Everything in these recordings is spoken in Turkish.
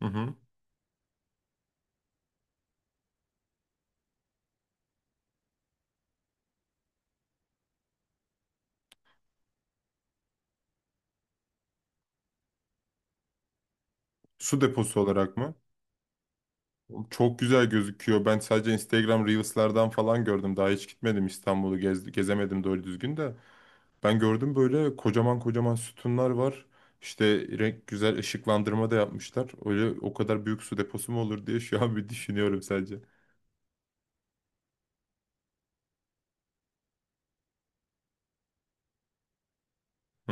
Hı hı. Su deposu olarak mı? Çok güzel gözüküyor. Ben sadece Instagram Reels'lerden falan gördüm. Daha hiç gitmedim, İstanbul'u gezemedim doğru düzgün de. Ben gördüm, böyle kocaman kocaman sütunlar var. İşte renk güzel, ışıklandırma da yapmışlar. Öyle o kadar büyük su deposu mu olur diye şu an bir düşünüyorum sadece.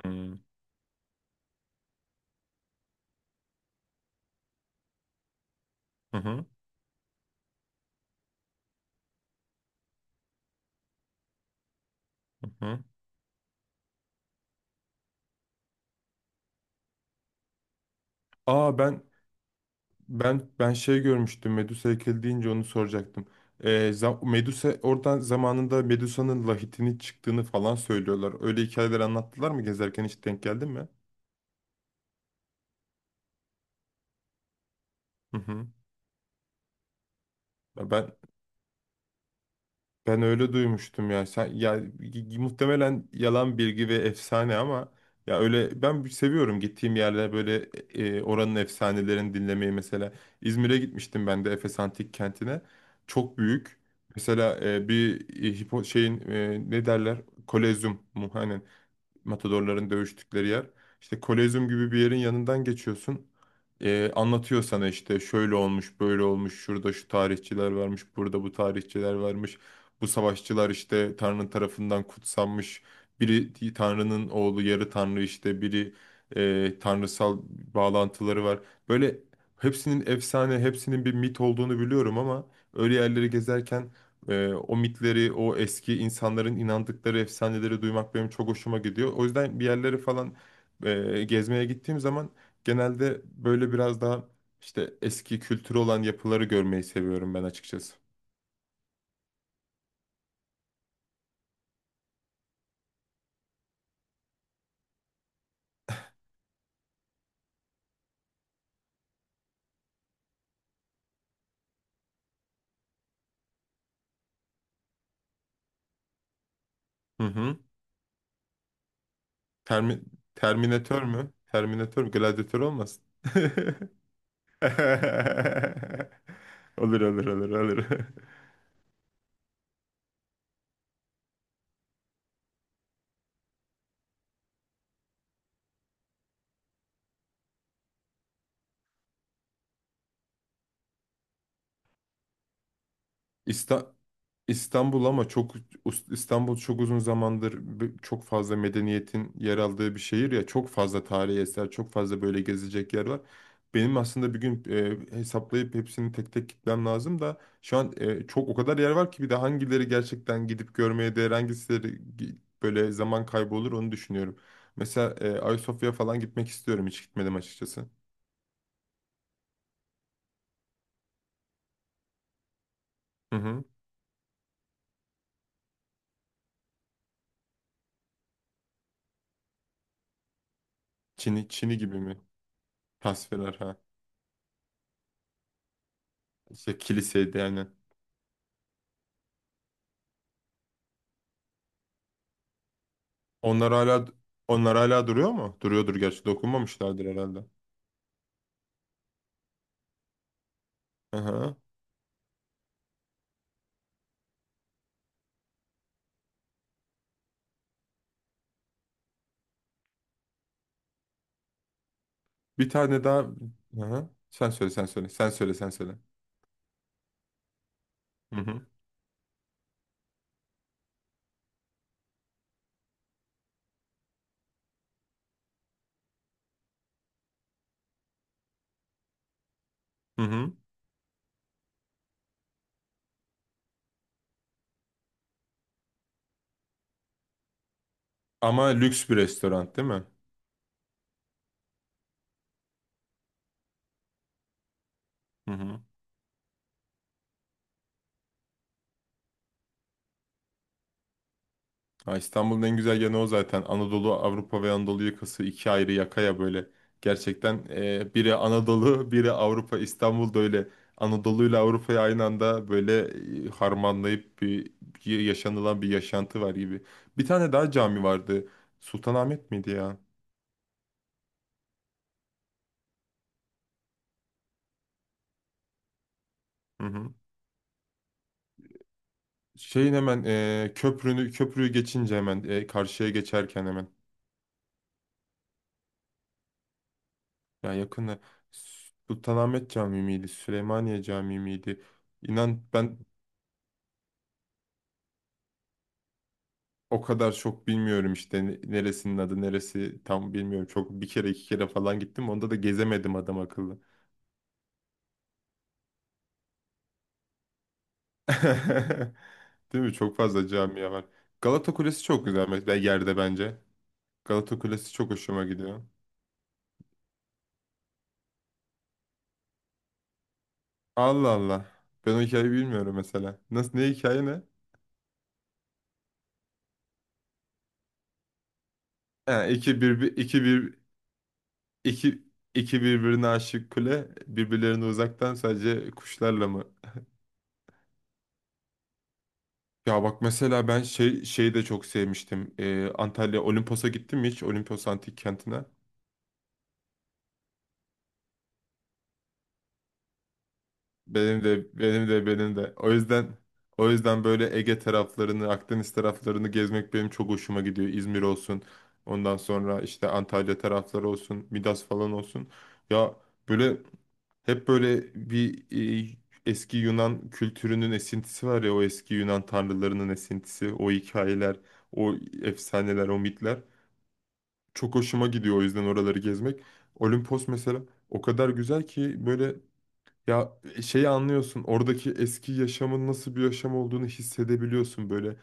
Hı hı hı. Hı. Aa, ben şey görmüştüm, Medusa heykeli deyince onu soracaktım. Medusa oradan zamanında Medusa'nın lahitini çıktığını falan söylüyorlar. Öyle hikayeler anlattılar mı gezerken, hiç denk geldin mi? Hı hı. Ya, ben öyle duymuştum ya. Sen muhtemelen yalan bilgi ve efsane ama ya, öyle ben bir seviyorum gittiğim yerlere böyle oranın efsanelerini dinlemeyi mesela. İzmir'e gitmiştim ben de Efes Antik Kenti'ne. Çok büyük. Mesela bir e, hipo şeyin, ne derler? Kolezyum mu? Aynen, matadorların dövüştükleri yer. İşte Kolezyum gibi bir yerin yanından geçiyorsun. Anlatıyor sana işte şöyle olmuş, böyle olmuş, şurada şu tarihçiler varmış, burada bu tarihçiler varmış. Bu savaşçılar işte Tanrı tarafından kutsanmış. Biri Tanrı'nın oğlu, yarı Tanrı işte, biri tanrısal bağlantıları var. Böyle hepsinin efsane, hepsinin bir mit olduğunu biliyorum ama öyle yerleri gezerken o mitleri, o eski insanların inandıkları efsaneleri duymak benim çok hoşuma gidiyor. O yüzden bir yerlere falan gezmeye gittiğim zaman genelde böyle biraz daha işte eski kültürü olan yapıları görmeyi seviyorum ben açıkçası. Hı hı. Termi Terminatör mü? Terminatör mü? Gladyatör olmasın? Olur olur olur olur. İsta- İstanbul ama çok İstanbul çok uzun zamandır çok fazla medeniyetin yer aldığı bir şehir ya, çok fazla tarihi eser, çok fazla böyle gezecek yer var. Benim aslında bir gün hesaplayıp hepsini tek tek gitmem lazım da şu an çok, o kadar yer var ki, bir de hangileri gerçekten gidip görmeye değer, hangisileri gi- böyle zaman kaybı olur onu düşünüyorum. Mesela Ayasofya falan gitmek istiyorum, hiç gitmedim açıkçası. Hı hı. Çin'i gibi mi? Tasvirler, ha. İşte kiliseydi yani. Onlar hala onlar hala duruyor mu? Duruyordur gerçi, dokunmamışlardır herhalde. Aha. Bir tane daha. Aha. Sen söyle sen söyle. Sen söyle sen söyle. Hı hı. Hı hı. Ama lüks bir restoran değil mi? Hı hı. Ha, İstanbul'un en güzel yanı o zaten. Anadolu, Avrupa ve Anadolu yakası, iki ayrı yakaya böyle. Gerçekten, biri Anadolu, biri Avrupa. İstanbul'da öyle Anadolu ile Avrupa'yı aynı anda böyle harmanlayıp bir yaşanılan bir yaşantı var gibi. Bir tane daha cami vardı. Sultanahmet miydi ya? Hı hı. Şeyin hemen köprüyü geçince hemen karşıya geçerken hemen. Ya, yakında Sultanahmet Camii miydi? Süleymaniye Camii miydi? İnan ben o kadar çok bilmiyorum işte, neresinin adı neresi tam bilmiyorum. Çok, bir kere iki kere falan gittim. Onda da gezemedim adam akıllı. Değil mi? Çok fazla camiye var. Galata Kulesi çok güzel mesela, yerde bence. Galata Kulesi çok hoşuma gidiyor. Allah Allah. Ben o hikayeyi bilmiyorum mesela. Nasıl, ne hikaye, ne? Ha, iki iki birbirine aşık kule birbirlerine uzaktan sadece kuşlarla mı? Ya bak mesela, ben şeyi de çok sevmiştim. Antalya Olimpos'a gittim mi hiç? Olimpos Antik Kenti'ne. Benim de benim de benim de. O yüzden böyle Ege taraflarını, Akdeniz taraflarını gezmek benim çok hoşuma gidiyor. İzmir olsun. Ondan sonra işte Antalya tarafları olsun, Midas falan olsun. Ya, böyle hep böyle bir e, eski Yunan kültürünün esintisi var ya, o eski Yunan tanrılarının esintisi, o hikayeler, o efsaneler, o mitler. Çok hoşuma gidiyor o yüzden oraları gezmek. Olimpos mesela o kadar güzel ki, böyle, ya, şeyi anlıyorsun. Oradaki eski yaşamın nasıl bir yaşam olduğunu hissedebiliyorsun, böyle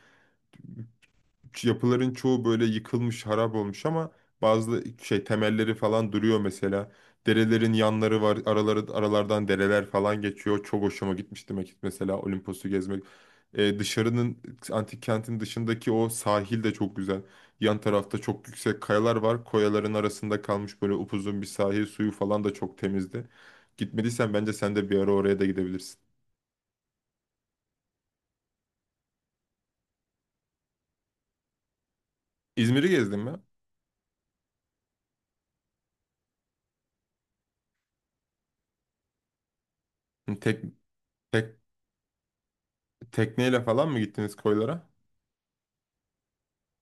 yapıların çoğu böyle yıkılmış, harap olmuş ama bazı şey temelleri falan duruyor mesela. Derelerin yanları var, aralardan dereler falan geçiyor. Çok hoşuma gitmişti Mekik mesela Olimpos'u gezmek. Ee, dışarının Antik kentin dışındaki o sahil de çok güzel. Yan tarafta çok yüksek kayalar var. Koyaların arasında kalmış böyle upuzun bir sahil, suyu falan da çok temizdi. Gitmediysen bence sen de bir ara oraya da gidebilirsin. İzmir'i gezdin mi? Tek, tek, Tekneyle falan mı gittiniz koylara?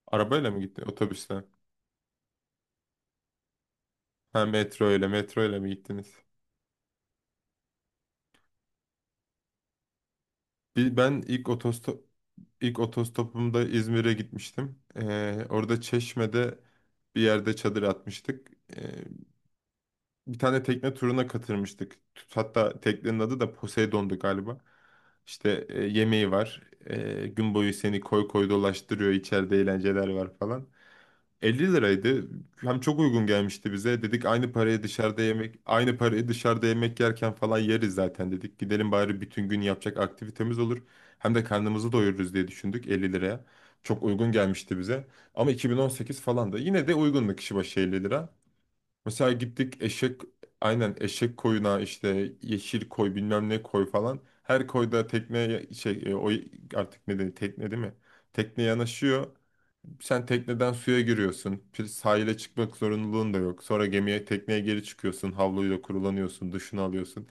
Arabayla mı gitti? Otobüsle. Ha, metro ile mi gittiniz? Bir, ben ilk otostopumda İzmir'e gitmiştim. Orada Çeşme'de bir yerde çadır atmıştık. Ee, Bir tane tekne turuna katılmıştık. Hatta teknenin adı da Poseidon'du galiba. İşte yemeği var. Gün boyu seni koy koy dolaştırıyor. İçeride eğlenceler var falan. 50 liraydı. Hem çok uygun gelmişti bize. Dedik, aynı parayı dışarıda yemek yerken falan yeriz zaten dedik. Gidelim bari, bütün gün yapacak aktivitemiz olur. Hem de karnımızı doyururuz diye düşündük, 50 liraya. Çok uygun gelmişti bize. Ama 2018 falan da yine de uygundu kişi başı 50 lira. Mesela gittik, aynen, eşek koyuna işte, yeşil koy bilmem ne koy falan. Her koyda tekneye şey, o artık ne dedi, tekne değil mi? Tekne yanaşıyor. Sen tekneden suya giriyorsun. Bir sahile çıkmak zorunluluğun da yok. Sonra gemiye, tekneye geri çıkıyorsun. Havluyla kurulanıyorsun, duşunu alıyorsun.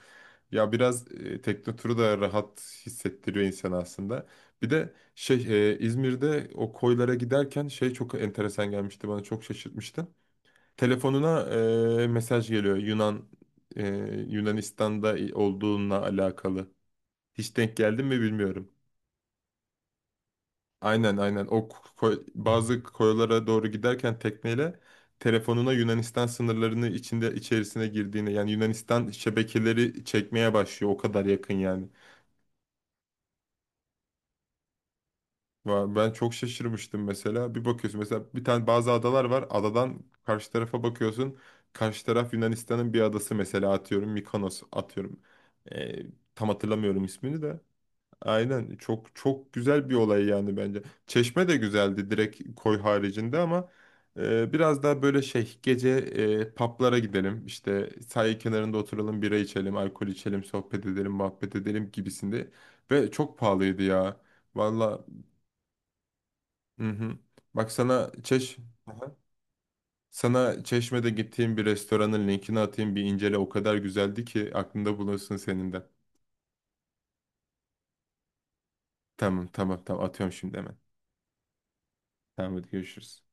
Ya biraz tekne turu da rahat hissettiriyor insan aslında. Bir de şey, İzmir'de o koylara giderken şey çok enteresan gelmişti bana, çok şaşırtmıştı. Telefonuna mesaj geliyor, e, Yunanistan'da olduğunla alakalı. Hiç denk geldim mi bilmiyorum. Aynen aynen. Bazı koylara doğru giderken tekneyle telefonuna Yunanistan sınırlarını içerisine girdiğini, yani Yunanistan şebekeleri çekmeye başlıyor, o kadar yakın yani. Ben çok şaşırmıştım mesela. Bir bakıyorsun mesela, bir tane, bazı adalar var. Adadan karşı tarafa bakıyorsun. Karşı taraf Yunanistan'ın bir adası, mesela atıyorum Mikonos, atıyorum. Ee, Tam hatırlamıyorum ismini de. Aynen, çok çok güzel bir olay yani bence. Çeşme de güzeldi direkt koy haricinde, ama biraz daha böyle şey, gece publara gidelim işte, sahil kenarında oturalım, bira içelim, alkol içelim, sohbet edelim, muhabbet edelim gibisinde ve çok pahalıydı ya. Valla. Hı hı. Bak sana Çeş Aha. Sana Çeşme'de gittiğim bir restoranın linkini atayım, bir incele, o kadar güzeldi ki aklında bulunsun senin de. Tamam tamam tamam, atıyorum şimdi hemen. Tamam, hadi görüşürüz.